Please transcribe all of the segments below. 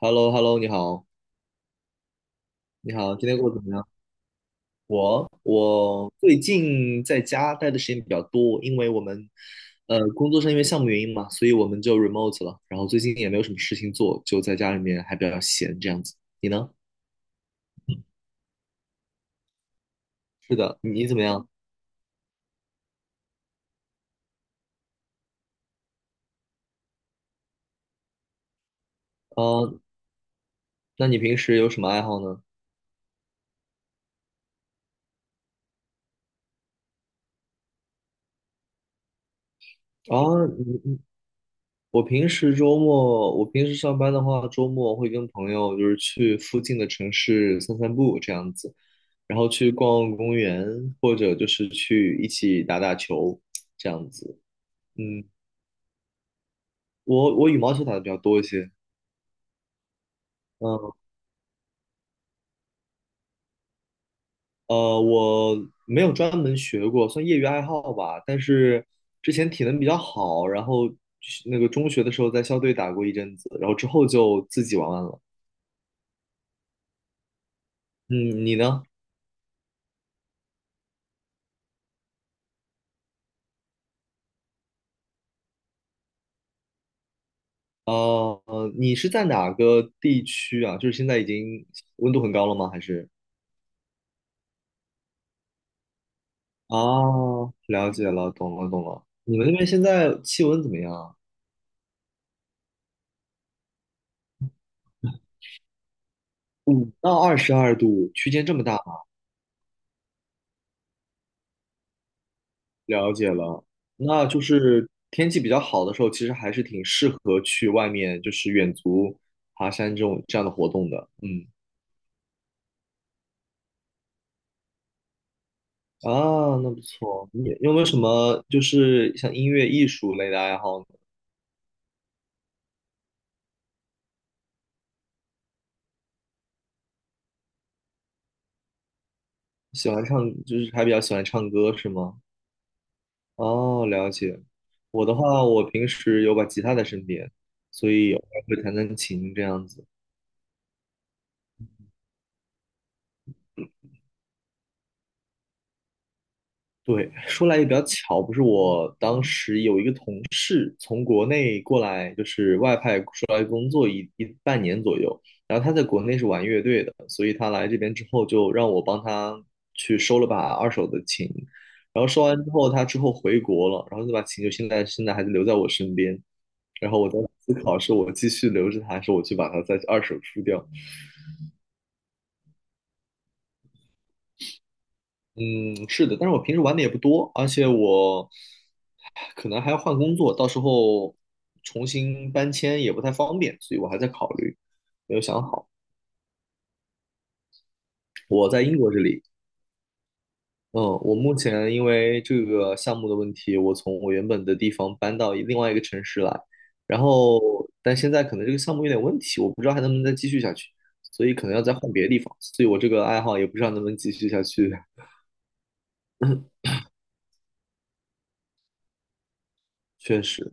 h e l l o h e l l o 你好，你好，今天过得怎么样？我最近在家待的时间比较多，因为我们工作上因为项目原因嘛，所以我们就 remote 了。然后最近也没有什么事情做，就在家里面还比较闲这样子。你呢？是的，你怎么样？呃，那你平时有什么爱好呢？啊，我平时周末，我平时上班的话，周末会跟朋友就是去附近的城市散散步这样子，然后去逛逛公园，或者就是去一起打打球这样子。嗯，我羽毛球打的比较多一些，嗯我没有专门学过，算业余爱好吧。但是之前体能比较好，然后那个中学的时候在校队打过一阵子，然后之后就自己玩玩了。嗯，你呢？哦，你是在哪个地区啊？就是现在已经温度很高了吗？还是？哦，了解了，懂了，懂了。你们那边现在气温怎么样啊？五到二十二度区间这么大吗？了解了，那就是天气比较好的时候，其实还是挺适合去外面，就是远足、爬山这种这样的活动的。嗯，啊，那不错。你有没有什么就是像音乐、艺术类的爱好呢？喜欢唱，就是还比较喜欢唱歌是吗？哦，了解。我的话，我平时有把吉他在身边，所以偶尔会弹弹琴这样子。对，说来也比较巧，不是我当时有一个同事从国内过来，就是外派出来工作一半年左右，然后他在国内是玩乐队的，所以他来这边之后就让我帮他去收了把二手的琴，然后收完之后他之后回国了，然后那把琴就现在还留在我身边，然后我在思考是我继续留着它，还是我去把它再二手出掉。嗯，是的，但是我平时玩的也不多，而且我可能还要换工作，到时候重新搬迁也不太方便，所以我还在考虑，没有想好。我在英国这里，嗯，我目前因为这个项目的问题，我从我原本的地方搬到另外一个城市来，然后但现在可能这个项目有点问题，我不知道还能不能再继续下去，所以可能要再换别的地方，所以我这个爱好也不知道能不能继续下去，确实。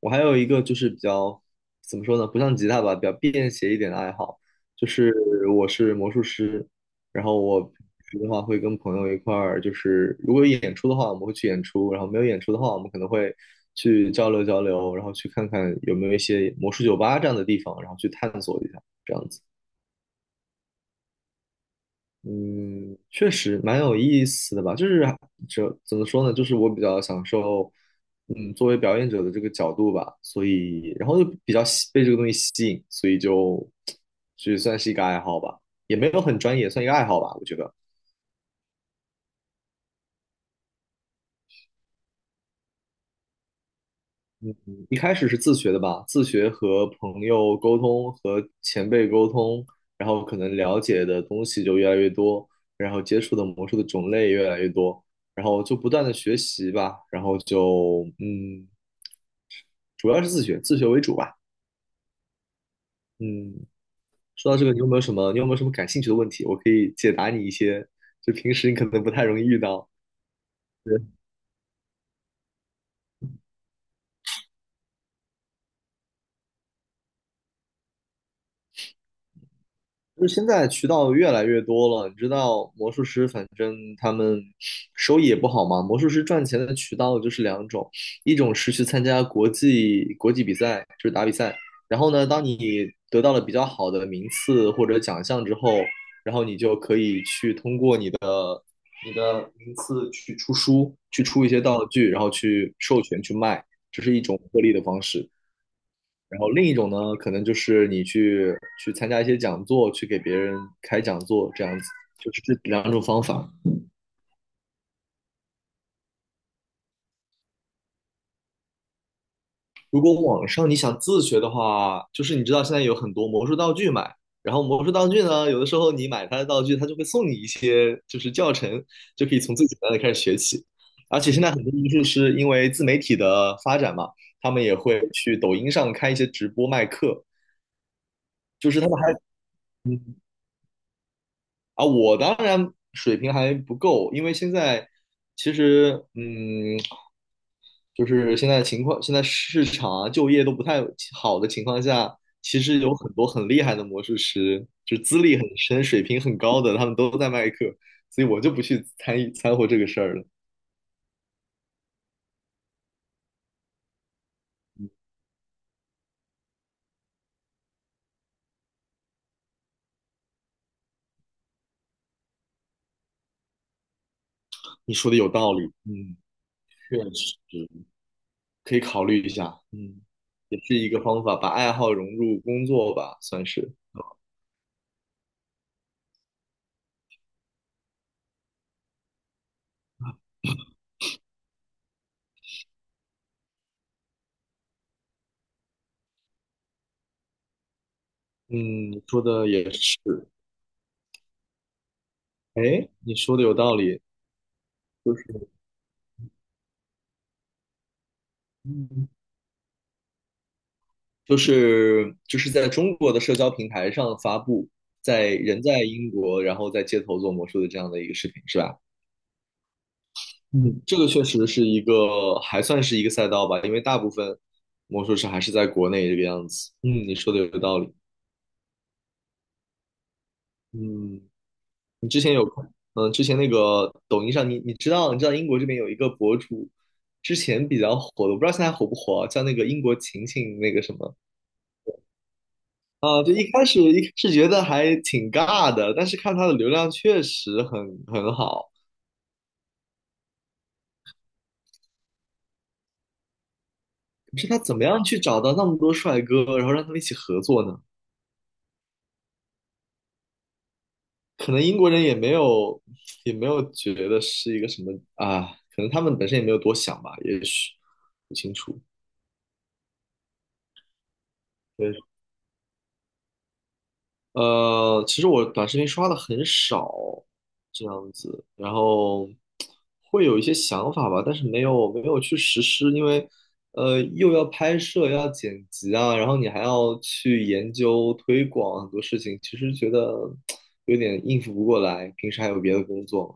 我还有一个就是比较怎么说呢，不像吉他吧，比较便携一点的爱好，就是我是魔术师，然后我平时的话会跟朋友一块儿，就是如果有演出的话，我们会去演出，然后没有演出的话，我们可能会去交流交流，然后去看看有没有一些魔术酒吧这样的地方，然后去探索一下，这样子。嗯，确实蛮有意思的吧，就是这怎么说呢，就是我比较享受，嗯，作为表演者的这个角度吧，所以然后就比较吸被这个东西吸引，所以就就算是一个爱好吧，也没有很专业，算一个爱好吧，我觉得一开始是自学的吧，自学和朋友沟通和前辈沟通，然后可能了解的东西就越来越多，然后接触的魔术的种类越来越多。然后就不断的学习吧，然后就嗯，主要是自学，自学为主吧。嗯，说到这个，你有没有什么，你有没有什么感兴趣的问题？我可以解答你一些，就平时你可能不太容易遇到。对，就是现在渠道越来越多了，你知道魔术师，反正他们收益也不好嘛。魔术师赚钱的渠道就是两种，一种是去参加国际比赛，就是打比赛。然后呢，当你得到了比较好的名次或者奖项之后，然后你就可以去通过。你的名次去出书，去出一些道具，然后去授权去卖，这是一种获利的方式。然后另一种呢，可能就是去参加一些讲座，去给别人开讲座，这样子，就是这两种方法。如果网上你想自学的话，就是你知道现在有很多魔术道具买，然后魔术道具呢，有的时候你买它的道具，它就会送你一些就是教程，就可以从最简单的开始学起。而且现在很多魔术师因为自媒体的发展嘛，他们也会去抖音上开一些直播卖课，就是他们还嗯我当然水平还不够，因为现在其实，嗯，就是现在情况，现在市场啊、就业都不太好的情况下，其实有很多很厉害的魔术师，就资历很深、水平很高的，他们都在卖课，所以我就不去参与掺和这个事儿了。你说的有道理，嗯，确实可以考虑一下，嗯，也是一个方法，把爱好融入工作吧，算是，嗯，说的也是。哎，你说的有道理，就是嗯就是在中国的社交平台上发布，在人在英国，然后在街头做魔术的这样的一个视频，是吧？嗯，这个确实是一个还算是一个赛道吧，因为大部分魔术师还是在国内这个样子。嗯，你说的有道理。嗯，你之前有嗯，之前那个抖音上，你知道英国这边有一个博主，之前比较火的，我不知道现在火不火啊，叫那个英国晴晴那个什么。啊，就一开始觉得还挺尬的，但是看他的流量确实很好。可是他怎么样去找到那么多帅哥，然后让他们一起合作呢？可能英国人也没有觉得是一个什么啊，可能他们本身也没有多想吧，也许不清楚。其实我短视频刷的很少，这样子，然后会有一些想法吧，但是没有去实施，因为又要拍摄，要剪辑啊，然后你还要去研究推广很多事情，其实觉得 有点应付不过来，平时还有别的工作嘛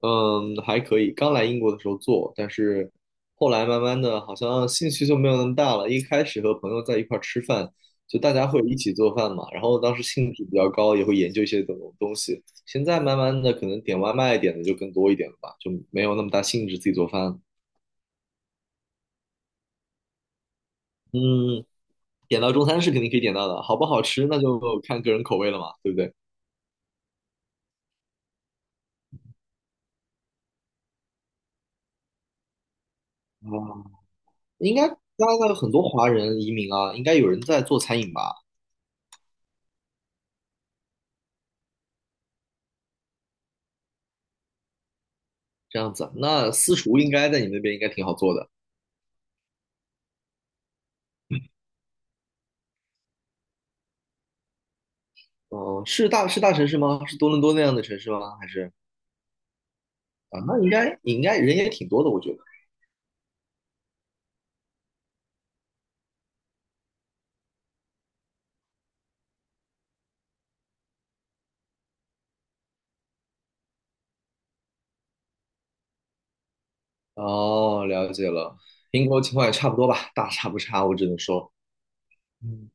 嗯，还可以。刚来英国的时候做，但是后来慢慢的，好像兴趣就没有那么大了。一开始和朋友在一块儿吃饭，就大家会一起做饭嘛，然后当时兴致比较高，也会研究一些东西。现在慢慢的，可能点外卖点的就更多一点了吧，就没有那么大兴致自己做饭了嗯，点到中餐是肯定可以点到的，好不好吃那就看个人口味了嘛，对不对？啊，应该加拿大有很多华人移民啊，应该有人在做餐饮吧？这样子，那私厨应该在你们那边应该挺好做的。哦，是大城市吗？是多伦多那样的城市吗？还是啊？那应该人也挺多的，我觉得。哦，了解了，英国情况也差不多吧，大差不差，我只能说。嗯，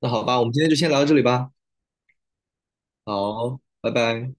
那好吧，我们今天就先聊到这里吧。好，拜拜。